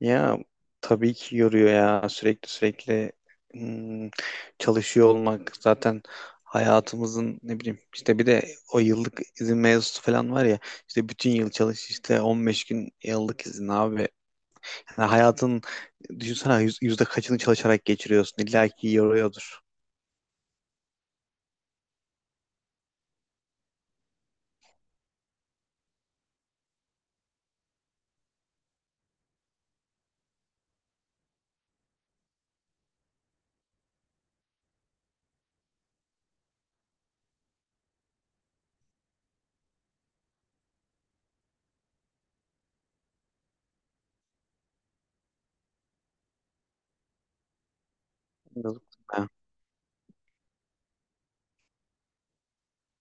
Ya, tabii ki yoruyor ya, sürekli sürekli hmm, çalışıyor olmak zaten hayatımızın. Ne bileyim, işte bir de o yıllık izin mevzusu falan var ya. İşte bütün yıl çalış, işte 15 gün yıllık izin abi. Yani hayatın, düşünsene yüzde kaçını çalışarak geçiriyorsun, illa ki yoruyordur. Yok da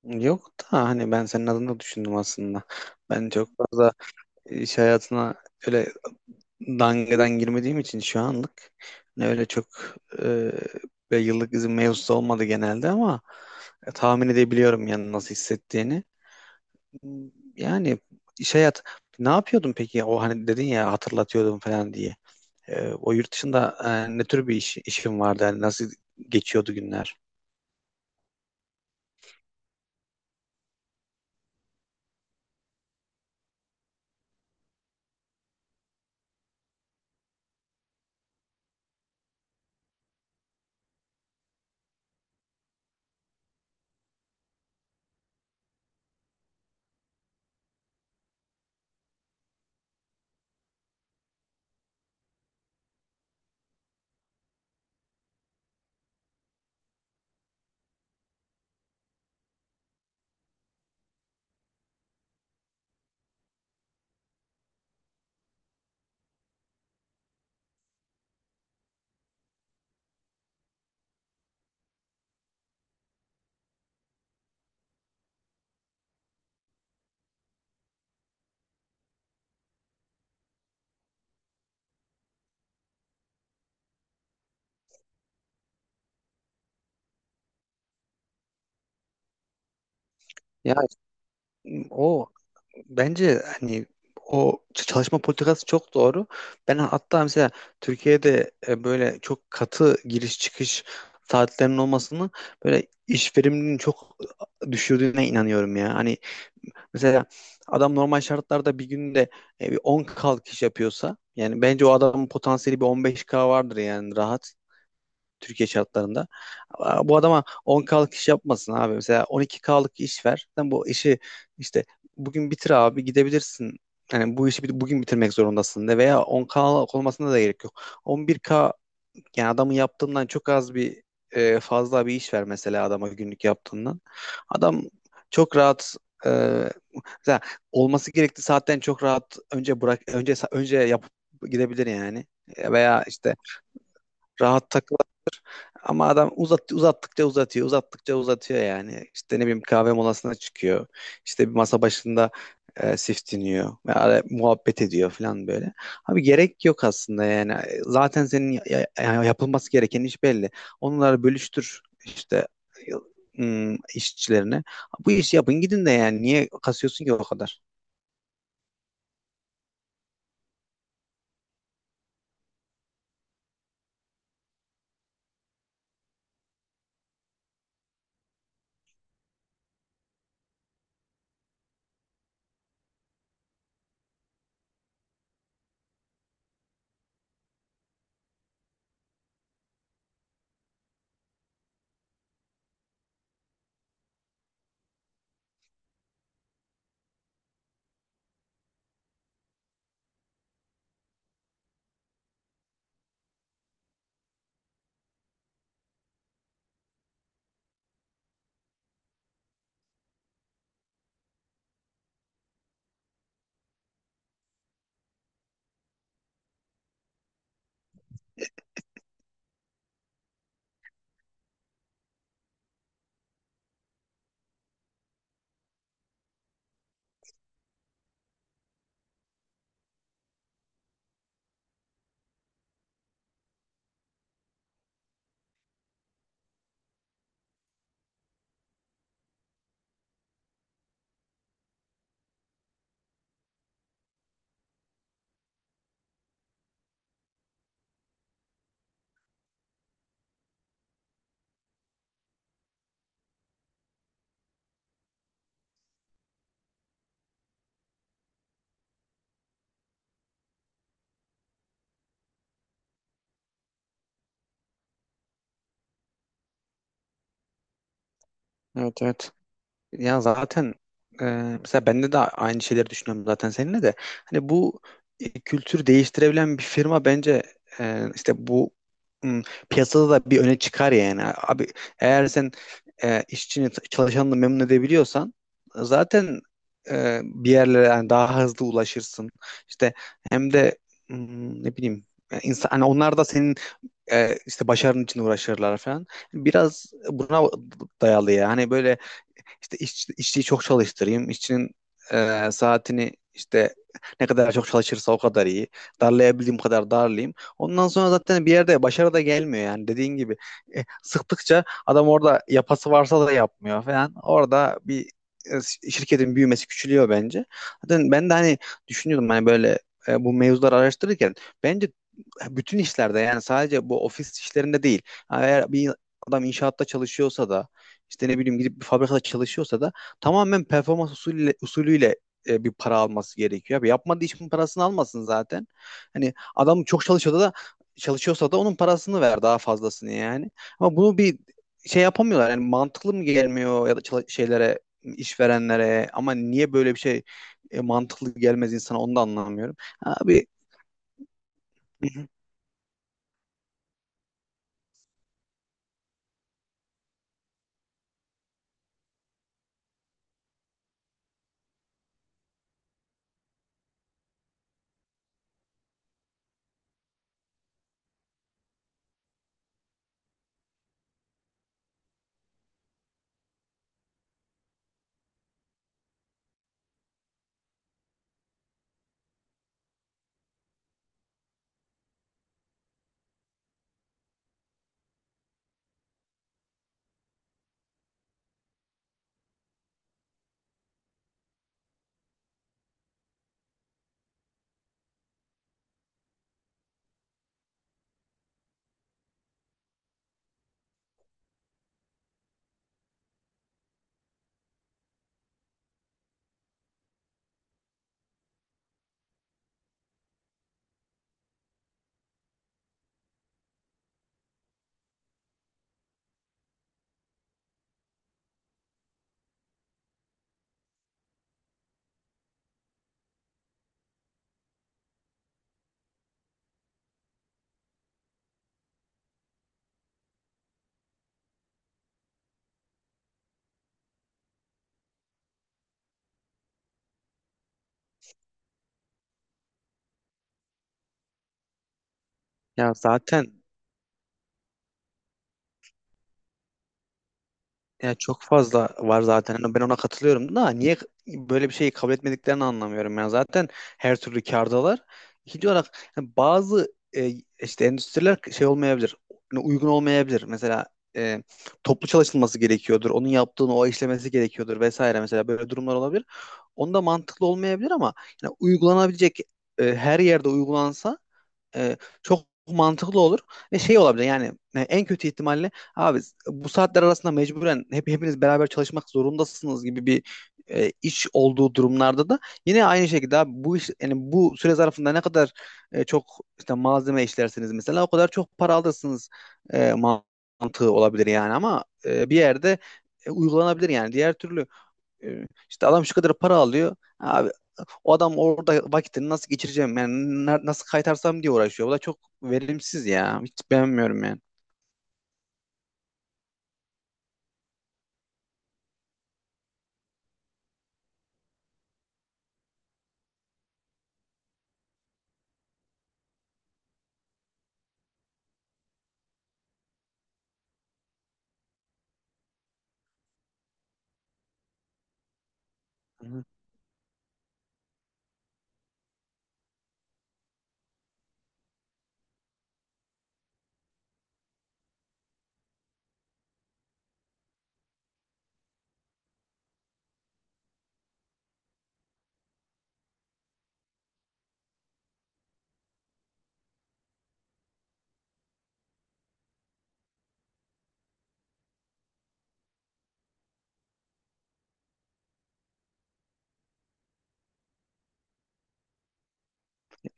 Yok da hani ben senin adına düşündüm aslında. Ben çok fazla iş hayatına öyle dangadan girmediğim için şu anlık ne öyle çok e, bir yıllık izin mevzusu olmadı genelde, ama tahmin edebiliyorum yani nasıl hissettiğini. Yani iş hayat ne yapıyordun peki? O, hani dedin ya hatırlatıyordum falan diye. O yurt dışında ne tür bir işin vardı? Yani nasıl geçiyordu günler? Ya o Bence hani o çalışma politikası çok doğru. Ben hatta mesela Türkiye'de böyle çok katı giriş çıkış saatlerinin olmasını, böyle iş verimliliğinin çok düşürdüğüne inanıyorum ya. Hani mesela adam normal şartlarda bir günde bir 10 kalkış yapıyorsa yani bence o adamın potansiyeli bir 15K vardır yani, rahat. Türkiye şartlarında. Bu adama 10 kalık iş yapmasın abi. Mesela 12 kalık iş ver. Sen bu işi, işte bugün bitir abi, gidebilirsin. Yani bu işi bugün bitirmek zorundasın de, veya 10K'lık olmasına da gerek yok. 11K, yani adamın yaptığından çok az bir fazla bir iş ver mesela adama, günlük yaptığından. Adam çok rahat e, mesela, olması gerektiği saatten çok rahat önce bırak, önce yapıp gidebilir yani. Veya işte rahat tak, ama adam uzattıkça uzatıyor, uzattıkça uzatıyor yani. İşte ne bileyim, kahve molasına çıkıyor. İşte bir masa başında siftiniyor. Ve muhabbet ediyor falan böyle. Abi gerek yok aslında yani. Zaten senin yapılması gereken iş belli. Onları bölüştür işte işçilerine. Bu işi yapın gidin de yani. Niye kasıyorsun ki o kadar? Evet, evet. Ya zaten e, mesela bende de aynı şeyleri düşünüyorum zaten, seninle de. Hani bu kültür değiştirebilen bir firma bence işte bu m, piyasada da bir öne çıkar yani. Abi, eğer sen işçini, çalışanını memnun edebiliyorsan, zaten bir yerlere yani daha hızlı ulaşırsın. İşte hem de m, ne bileyim, yani insan, hani onlar da senin işte başarın için uğraşırlar falan. Biraz buna dayalı ya. Hani böyle, işte işçiyi çok çalıştırayım. İşçinin saatini işte, ne kadar çok çalışırsa o kadar iyi. Darlayabildiğim kadar darlayayım. Ondan sonra zaten bir yerde başarı da gelmiyor yani, dediğin gibi. Sıktıkça adam orada yapası varsa da yapmıyor falan. Orada bir şirketin büyümesi küçülüyor bence. Zaten ben de hani düşünüyordum, hani böyle bu mevzuları araştırırken, bence bütün işlerde, yani sadece bu ofis işlerinde değil. Yani eğer bir adam inşaatta çalışıyorsa da, işte ne bileyim, gidip bir fabrikada çalışıyorsa da tamamen performans usulüyle bir para alması gerekiyor. Abi, yapmadığı işin parasını almasın zaten. Hani adam çok çalışıyorsa da onun parasını ver, daha fazlasını yani. Ama bunu bir şey yapamıyorlar. Yani mantıklı mı gelmiyor ya da şeylere, işverenlere, ama niye böyle bir şey mantıklı gelmez insana, onu da anlamıyorum. Abi. ya zaten Ya çok fazla var zaten. Hani ben ona katılıyorum, da niye böyle bir şeyi kabul etmediklerini anlamıyorum. Yani zaten her türlü kârdalar. İkinci olarak, hani bazı işte endüstriler şey olmayabilir, hani uygun olmayabilir. Mesela e, toplu çalışılması gerekiyordur. Onun yaptığını o işlemesi gerekiyordur vesaire. Mesela böyle durumlar olabilir. Onda mantıklı olmayabilir, ama yani uygulanabilecek her yerde uygulansa e, çok mantıklı olur ve şey olabilir yani. En kötü ihtimalle abi, bu saatler arasında mecburen hepiniz beraber çalışmak zorundasınız gibi bir iş olduğu durumlarda da, yine aynı şekilde, abi bu iş yani bu süre zarfında ne kadar çok işte malzeme işlersiniz mesela, o kadar çok para alırsınız mantığı olabilir yani. Ama bir yerde uygulanabilir yani. Diğer türlü e, işte adam şu kadar para alıyor abi, o adam orada vakitini nasıl geçireceğim yani, nasıl kaytarsam diye uğraşıyor. Bu da çok verimsiz ya. Hiç beğenmiyorum yani. Hı.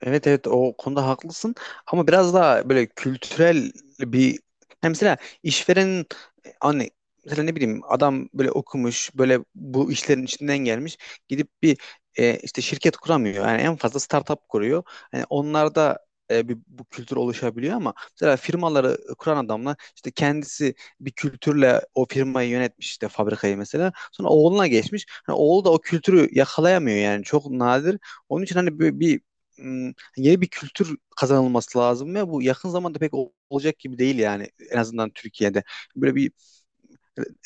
Evet, evet, o konuda haklısın, ama biraz daha böyle kültürel bir, yani mesela işverenin hani, mesela ne bileyim, adam böyle okumuş, böyle bu işlerin içinden gelmiş, gidip bir işte şirket kuramıyor yani, en fazla startup kuruyor. Yani onlarda bu kültür oluşabiliyor, ama mesela firmaları kuran adamla, işte kendisi bir kültürle o firmayı yönetmiş, işte fabrikayı mesela sonra oğluna geçmiş, hani oğlu da o kültürü yakalayamıyor yani, çok nadir. Onun için hani bir, bir yeni bir kültür kazanılması lazım, ve bu yakın zamanda pek olacak gibi değil yani, en azından Türkiye'de. Böyle bir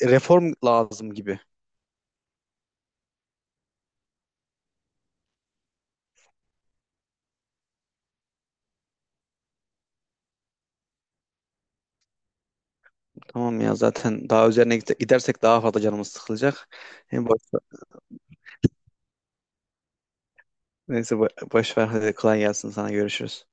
reform lazım gibi. Tamam, ya zaten daha üzerine gidersek daha fazla canımız sıkılacak. Hem boş- Neyse, boş ver, hadi kolay gelsin, sana görüşürüz.